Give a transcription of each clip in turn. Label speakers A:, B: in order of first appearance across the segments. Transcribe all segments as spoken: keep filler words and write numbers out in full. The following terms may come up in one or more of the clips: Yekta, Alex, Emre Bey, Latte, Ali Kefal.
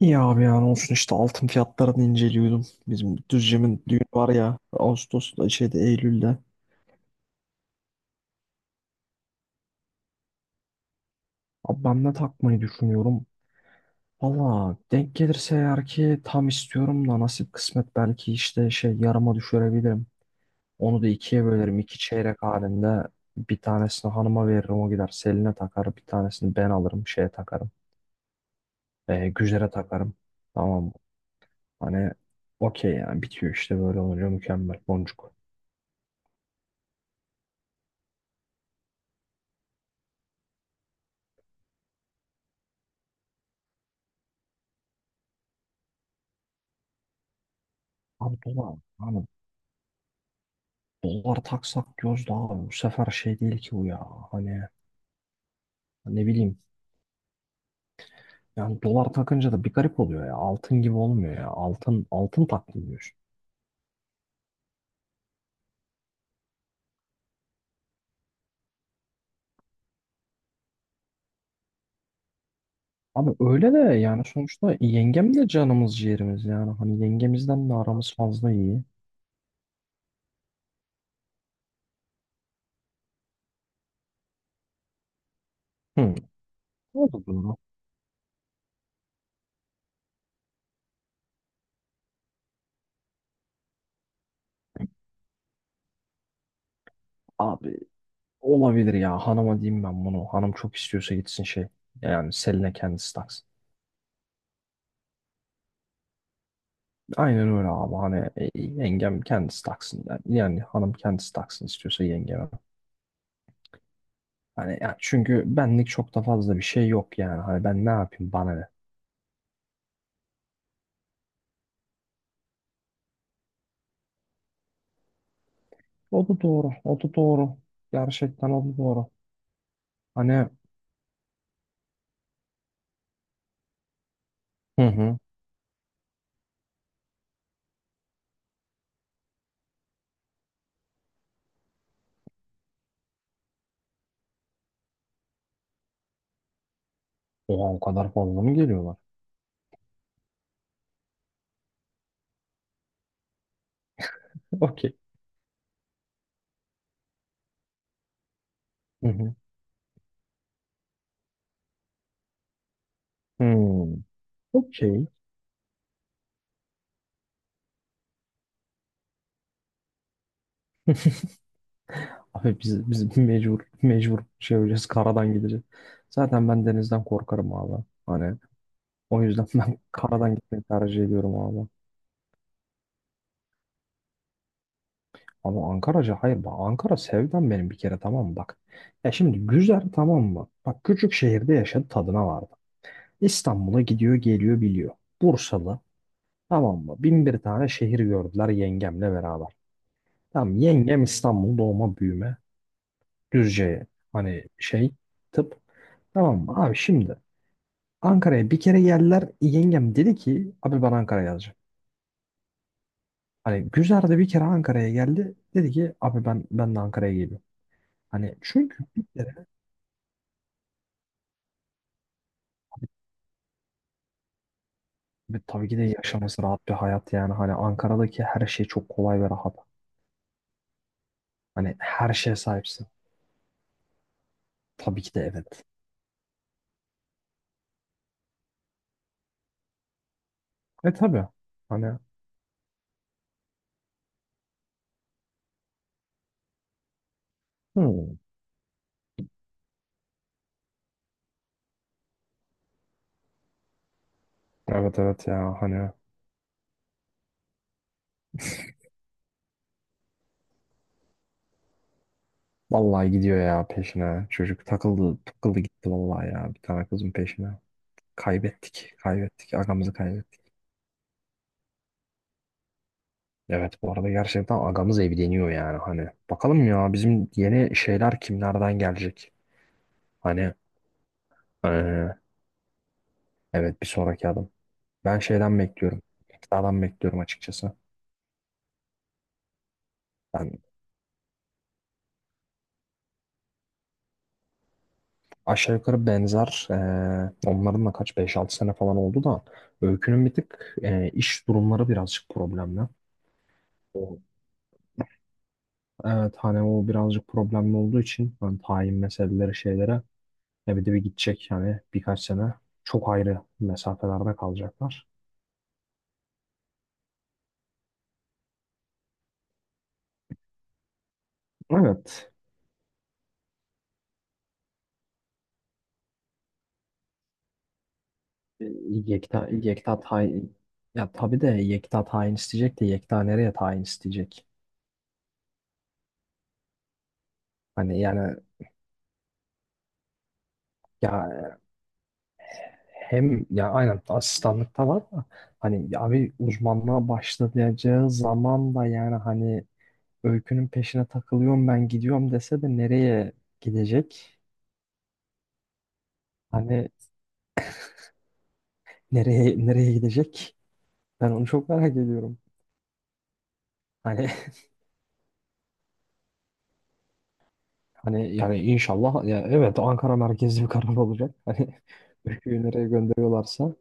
A: İyi abi yani olsun işte altın fiyatlarını inceliyordum. Bizim Düzce'min düğün var ya Ağustos'ta şeyde Eylül'de. Abi ben ne takmayı düşünüyorum? Valla denk gelirse eğer ki tam istiyorum da nasip kısmet belki işte şey yarıma düşürebilirim. Onu da ikiye bölerim iki çeyrek halinde. Bir tanesini hanıma veririm o gider Selin'e takar. Bir tanesini ben alırım şeye takarım. E, Güzer'e takarım. Tamam. Hani okey yani bitiyor işte böyle olunca mükemmel boncuk. Abi dolar. Hani dolar taksak diyoruz da abi bu sefer şey değil ki bu ya. Hani ne bileyim. Yani dolar takınca da bir garip oluyor ya. Altın gibi olmuyor ya. Altın altın takmıyorsun. Abi öyle de yani sonuçta yengem de canımız ciğerimiz yani. Hani yengemizden de aramız fazla iyi. Hı. O da doğru. Abi olabilir ya hanıma diyeyim ben bunu. Hanım çok istiyorsa gitsin şey. Yani Selin'e kendisi taksın. Aynen öyle abi hani e, yengem kendisi taksın. Yani, yani hanım kendisi taksın istiyorsa yengeme. Hani ya çünkü benlik çok da fazla bir şey yok yani. Hani ben ne yapayım bana ne. O da doğru. O da doğru. Gerçekten o da doğru. Hani hı hı. Oha o kadar fazla mı geliyorlar? Okey. Hı hı. Hmm. Okey. Abi biz, biz mecbur mecbur şey olacağız karadan gideceğiz. Zaten ben denizden korkarım abi. Hani o yüzden ben karadan gitmeyi tercih ediyorum abi. Ama Ankara'ca hayır bak Ankara sevdam benim bir kere tamam mı bak. Ya şimdi güzel tamam mı? Bak küçük şehirde yaşadı tadına vardı. İstanbul'a gidiyor geliyor biliyor. Bursalı tamam mı? Bin bir tane şehir gördüler yengemle beraber. Tamam yengem İstanbul doğma büyüme. Düzce hani şey tıp. Tamam mı? Abi şimdi Ankara'ya bir kere geldiler. Yengem dedi ki abi ben Ankara'ya yazacağım. Hani Gülzar da bir kere Ankara'ya geldi. Dedi ki abi ben ben de Ankara'ya geliyorum. Hani çünkü bir kere ve tabii ki de yaşaması rahat bir hayat yani. Hani Ankara'daki her şey çok kolay ve rahat. Hani her şeye sahipsin. Tabii ki de evet. E tabii. Hani hmm. Evet evet ya hani vallahi gidiyor ya peşine. Çocuk takıldı takıldı gitti vallahi ya bir tane kızın peşine. Kaybettik. Kaybettik. Agamızı kaybettik. Evet bu arada gerçekten agamız evleniyor yani hani. Bakalım ya bizim yeni şeyler kimlerden gelecek? Hani eee, evet bir sonraki adım. Ben şeyden bekliyorum. Tekrardan bekliyorum açıkçası. Ben aşağı yukarı benzer eee, onların da kaç beş altı sene falan oldu da Öykü'nün bir tık eee, iş durumları birazcık problemli. O Evet hani o birazcık problemli olduğu için hani tayin meseleleri şeylere ya bir de bir gidecek yani birkaç sene çok ayrı mesafelerde kalacaklar. Evet. E, Yekta, Yekta tayin ya tabii de Yekta tayin isteyecek de Yekta nereye tayin isteyecek? Hani yani ya hem ya aynen asistanlıkta var da hani ya bir uzmanlığa başlayacağı zaman da yani hani Öykü'nün peşine takılıyorum ben gidiyorum dese de nereye gidecek? Hani nereye nereye gidecek? Ben onu çok merak ediyorum. Hani Hani yani inşallah ya evet Ankara merkezli bir karar olacak. Hani ülkeyi nereye gönderiyorlarsa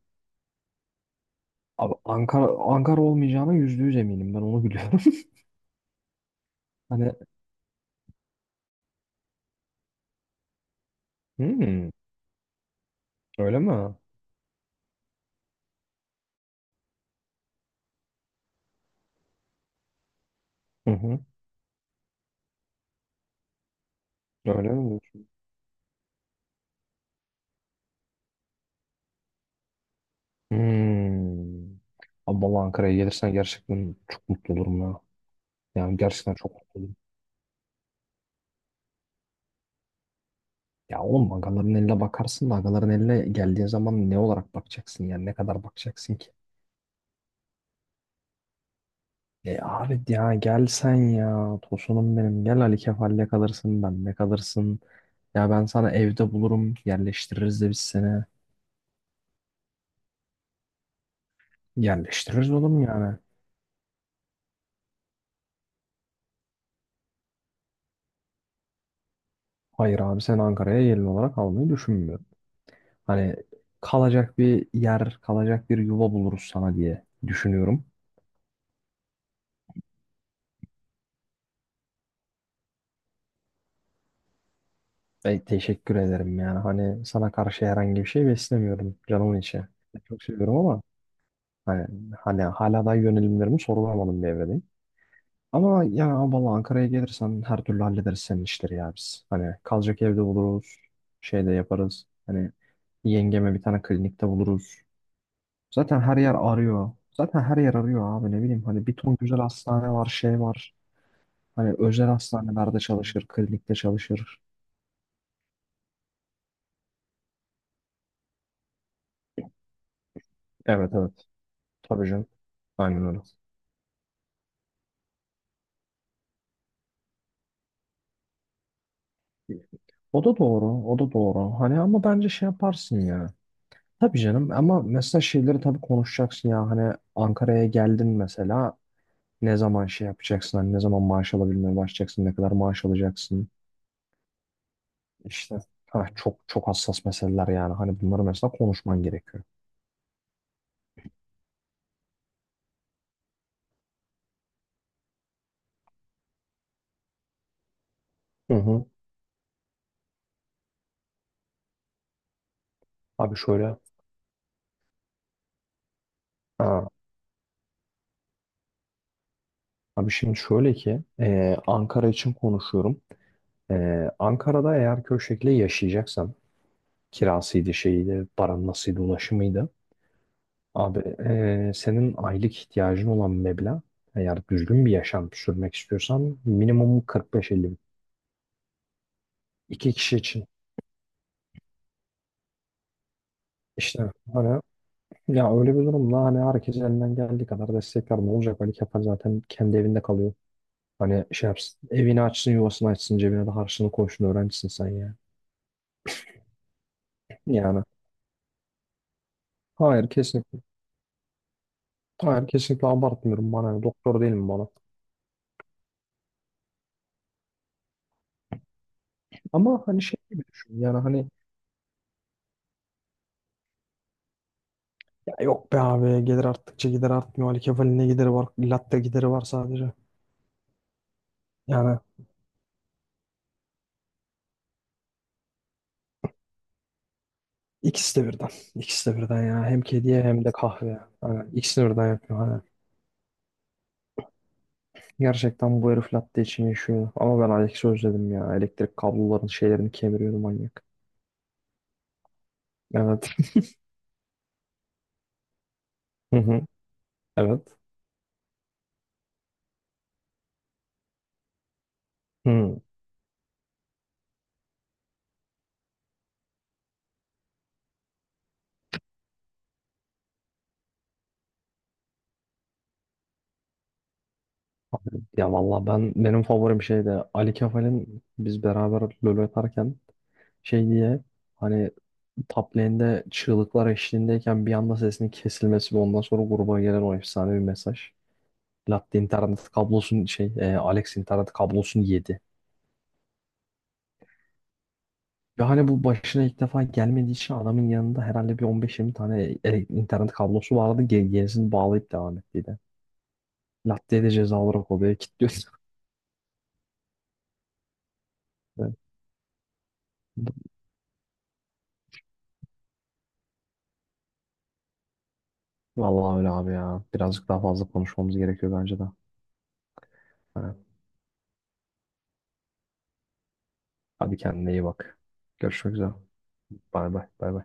A: abi Ankara Ankara olmayacağına yüzde yüz eminim ben onu biliyorum. Hani hmm, öyle mi? Hı hı. Öyle mi diyorsun? Hmm. Abi vallahi Ankara'ya gelirsen gerçekten çok mutlu olurum ya. Yani gerçekten çok mutlu olurum. Ya oğlum agaların eline bakarsın da agaların eline geldiğin zaman ne olarak bakacaksın yani ne kadar bakacaksın ki? E abi ya gel sen ya tosunum benim gel Ali Kefal'le kalırsın benle kalırsın. Ya ben sana evde bulurum yerleştiririz de biz seni. Yerleştiririz oğlum yani. Hayır abi sen Ankara'ya gelin olarak almayı düşünmüyorum. Hani kalacak bir yer kalacak bir yuva buluruz sana diye düşünüyorum. Ve teşekkür ederim yani hani sana karşı herhangi bir şey beslemiyorum canımın içi. Çok seviyorum ama hani, hani hala da yönelimlerimi sorgulamadım bir evredeyim. Ama ya vallahi Ankara'ya gelirsen her türlü hallederiz senin işleri ya biz. Hani kalacak evde buluruz. Şey de yaparız. Hani yengeme bir tane klinikte buluruz. Zaten her yer arıyor. Zaten her yer arıyor abi ne bileyim. Hani bir ton güzel hastane var şey var. Hani özel hastanelerde çalışır. Klinikte çalışır. Evet evet. Tabii canım. Aynen öyle. O da doğru, o da doğru. Hani ama bence şey yaparsın ya. Tabii canım ama mesela şeyleri tabii konuşacaksın ya. Hani Ankara'ya geldin mesela. Ne zaman şey yapacaksın? Hani ne zaman maaş alabilmeye başlayacaksın? Ne kadar maaş alacaksın? İşte ha, çok çok hassas meseleler yani. Hani bunları mesela konuşman gerekiyor. Hı hı. Abi şöyle, ha, abi şimdi şöyle ki e, Ankara için konuşuyorum. E, Ankara'da eğer köy şekli yaşayacaksan kirasıydı şeydi, paran nasılydı, ulaşımıydı. Abi e, senin aylık ihtiyacın olan meblağ eğer düzgün bir yaşam sürmek istiyorsan minimum kırk beş elli bin. İki kişi için. İşte hani ya öyle bir durumda hani herkes elinden geldiği kadar destekler ne olacak? Ali Kemal zaten kendi evinde kalıyor. Hani şey yapsın, evini açsın, yuvasını açsın, cebine de harçlığını koysun, öğrencisin sen ya. Yani hayır kesinlikle, hayır kesinlikle abartmıyorum bana, yani doktor değilim bana. Ama hani şey gibi düşün, yani hani ya yok be abi gelir arttıkça gider artmıyor, Ali Kemal'in ne gideri var, latte gideri var sadece. Yani ikisi de birden, ikisi de birden ya hem kediye hem de kahve. Yani ikisini birden yapıyor. Hani gerçekten bu herif latte için yaşıyor. Ama ben Alex'i özledim ya. Elektrik kabloların şeylerini kemiriyordu manyak. Evet. Hı hı. Evet. Hı. Abi, ya valla ben benim favorim şeydi. Ali Kefal'in biz beraber LoL atarken şey diye hani top lane'de çığlıklar eşliğindeyken bir anda sesinin kesilmesi ve ondan sonra gruba gelen o efsane bir mesaj. Latte internet kablosun şey e, Alex internet kablosunu yedi. Ve hani bu başına ilk defa gelmediği için adamın yanında herhalde bir on beş yirmi tane ele- internet kablosu vardı. Ge- Gerisini bağlayıp devam ettiydi. Latte de ceza olarak odaya kilitliyorsun. Evet. Vallahi öyle abi ya. Birazcık daha fazla konuşmamız gerekiyor bence de. Evet. Hadi kendine iyi bak. Görüşmek üzere. Bay bay. Bay bay.